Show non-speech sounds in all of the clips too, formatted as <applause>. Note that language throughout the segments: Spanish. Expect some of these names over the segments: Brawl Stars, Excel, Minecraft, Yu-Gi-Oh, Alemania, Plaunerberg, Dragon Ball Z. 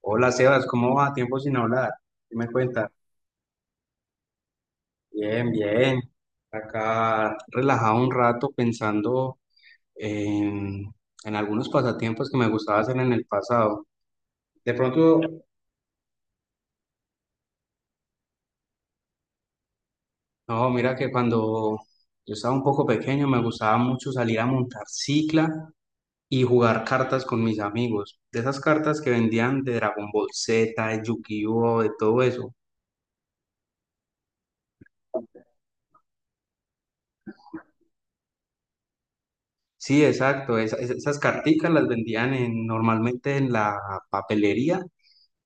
Hola Sebas, ¿cómo va? Tiempo sin hablar. ¿Qué me cuentas? Bien, bien. Acá relajado un rato pensando en, en algunos pasatiempos que me gustaba hacer en el pasado. De pronto, no, mira que cuando yo estaba un poco pequeño me gustaba mucho salir a montar cicla y jugar cartas con mis amigos. De esas cartas que vendían de Dragon Ball Z, de Yu-Gi-Oh, de todo eso. Sí, exacto. Esas carticas las vendían normalmente en la papelería.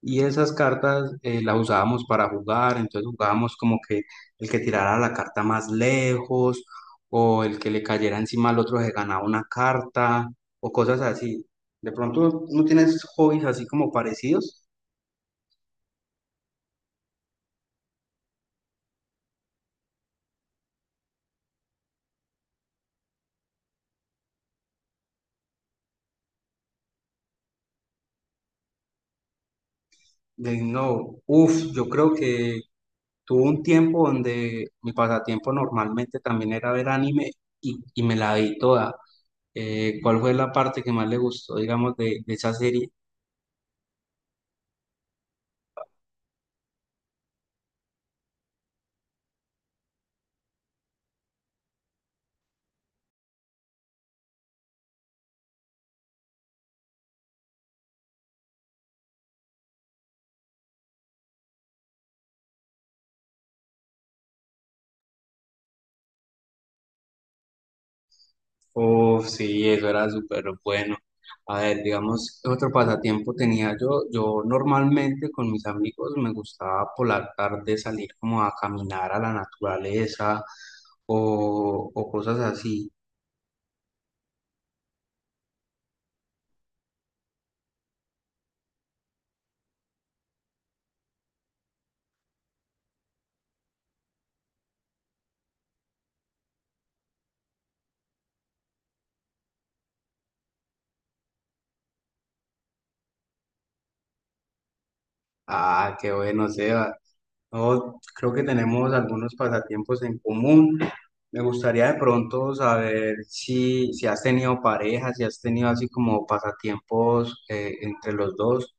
Y esas cartas las usábamos para jugar, entonces jugábamos como que el que tirara la carta más lejos o el que le cayera encima al otro se ganaba una carta o cosas así. De pronto no tienes hobbies así como parecidos. De, no, uff, yo creo que tuve un tiempo donde mi pasatiempo normalmente también era ver anime y me la vi toda. ¿Cuál fue la parte que más le gustó, digamos, de esa serie? Uf, sí, eso era súper bueno. A ver, digamos, otro pasatiempo tenía yo. Yo normalmente con mis amigos me gustaba por la tarde salir como a caminar a la naturaleza o cosas así. Ah, qué bueno, Seba. No, creo que tenemos algunos pasatiempos en común. Me gustaría de pronto saber si has tenido pareja, si has tenido así como pasatiempos entre los dos,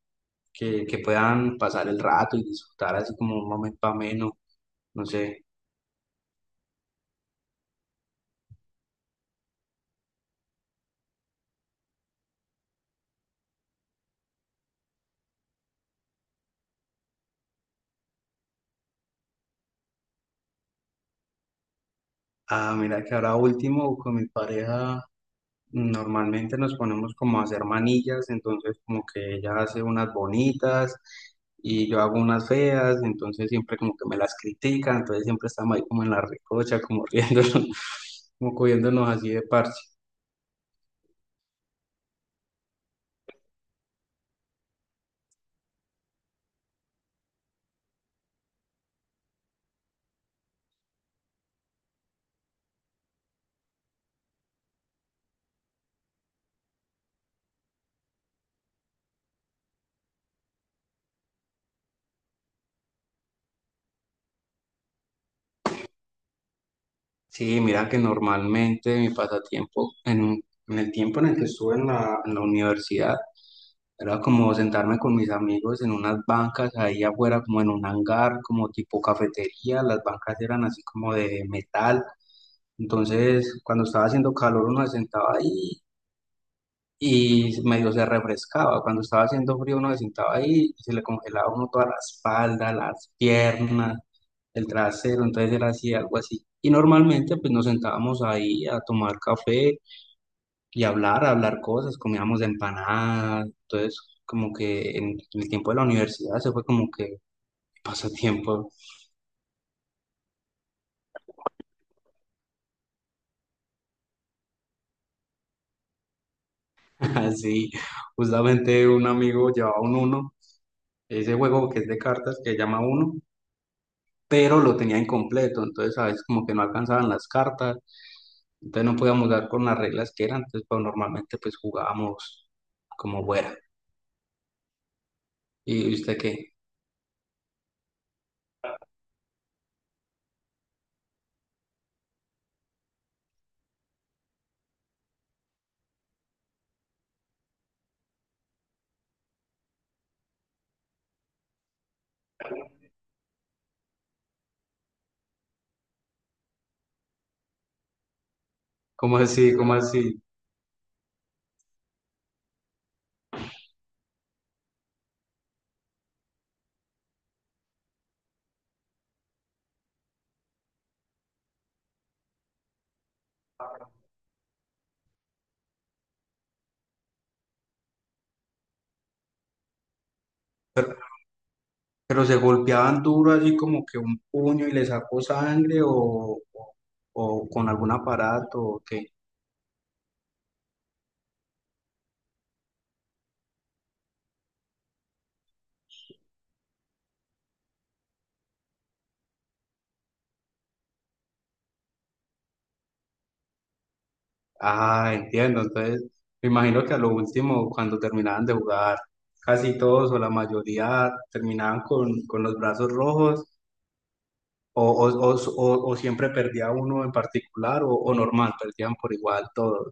que puedan pasar el rato y disfrutar así como un momento ameno, no sé. Ah, mira que ahora último con mi pareja normalmente nos ponemos como a hacer manillas, entonces como que ella hace unas bonitas y yo hago unas feas, entonces siempre como que me las critican, entonces siempre estamos ahí como en la recocha, como riéndonos, <laughs> como cogiéndonos así de parche. Sí, mira que normalmente mi pasatiempo en el tiempo en el que estuve en la universidad, era como sentarme con mis amigos en unas bancas ahí afuera, como en un hangar, como tipo cafetería. Las bancas eran así como de metal. Entonces, cuando estaba haciendo calor, uno se sentaba ahí y medio se refrescaba. Cuando estaba haciendo frío, uno se sentaba ahí y se le congelaba a uno toda la espalda, las piernas, el trasero. Entonces era así, algo así. Y normalmente, pues nos sentábamos ahí a tomar café y hablar cosas, comíamos empanadas, entonces como que en el tiempo de la universidad se fue como que pasatiempo. <laughs> Así, justamente un amigo llevaba un uno, ese juego que es de cartas que se llama uno, pero lo tenía incompleto, entonces a veces como que no alcanzaban las cartas, entonces no podíamos dar con las reglas que eran, entonces pues normalmente pues jugábamos como fuera. ¿Y usted qué? ¿Cómo así? ¿Cómo así? Pero se golpeaban duro, así como que un puño y le sacó sangre o con algún aparato o qué. Ah, entiendo. Entonces, me imagino que a lo último, cuando terminaban de jugar, casi todos o la mayoría terminaban con los brazos rojos o, o, o, o siempre perdía uno en particular o normal, perdían por igual todos.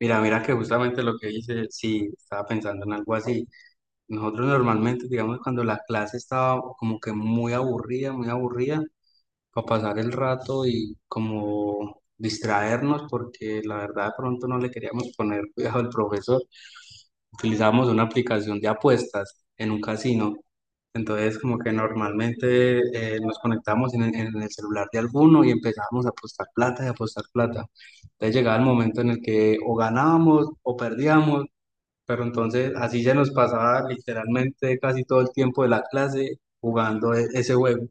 Mira, mira que justamente lo que dice, sí, estaba pensando en algo así. Nosotros normalmente, digamos, cuando la clase estaba como que muy aburrida, para pasar el rato y como distraernos, porque la verdad de pronto no le queríamos poner cuidado al profesor, utilizábamos una aplicación de apuestas en un casino. Entonces, como que normalmente nos conectábamos en el celular de alguno y empezábamos a apostar plata y a apostar plata. Entonces llegaba el momento en el que o ganábamos o perdíamos, pero entonces así se nos pasaba literalmente casi todo el tiempo de la clase jugando ese juego.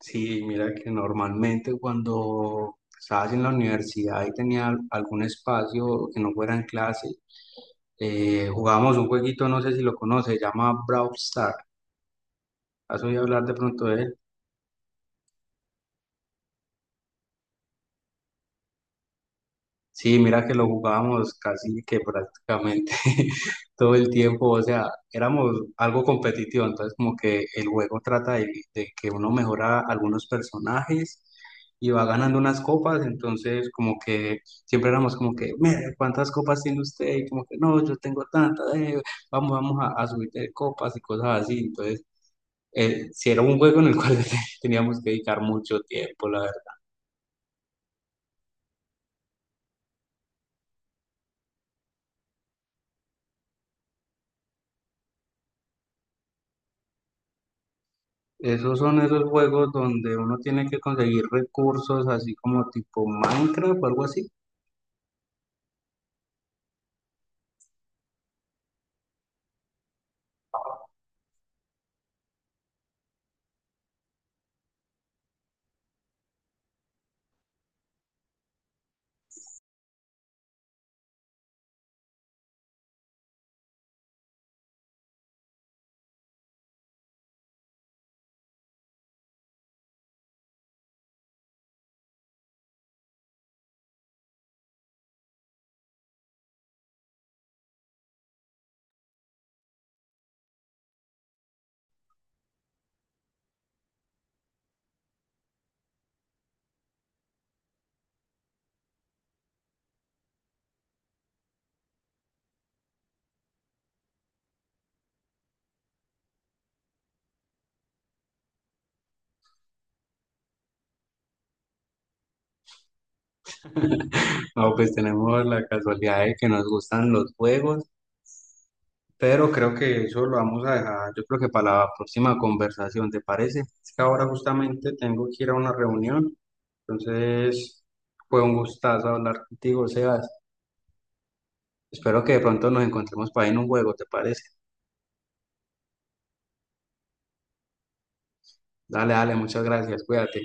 Sí, mira que normalmente cuando estabas en la universidad y tenía algún espacio que no fuera en clase, jugábamos un jueguito, no sé si lo conoces, se llama Brawl Stars. ¿Has oído hablar de pronto de él? Sí, mira que lo jugábamos casi que prácticamente <laughs> todo el tiempo, o sea, éramos algo competitivo, entonces como que el juego trata de que uno mejora algunos personajes y va ganando unas copas, entonces como que siempre éramos como que, mire, ¿cuántas copas tiene usted? Y como que, no, yo tengo tantas, vamos, a subir de copas y cosas así, entonces sí era un juego en el cual <laughs> teníamos que dedicar mucho tiempo, la. Esos son esos juegos donde uno tiene que conseguir recursos, así como tipo Minecraft o algo así. No, pues tenemos la casualidad de que nos gustan los juegos, pero creo que eso lo vamos a dejar, yo creo que para la próxima conversación, ¿te parece? Es que ahora justamente tengo que ir a una reunión, entonces fue un gustazo hablar contigo, Sebas. Espero que de pronto nos encontremos para ir en un juego, ¿te parece? Dale, dale, muchas gracias, cuídate.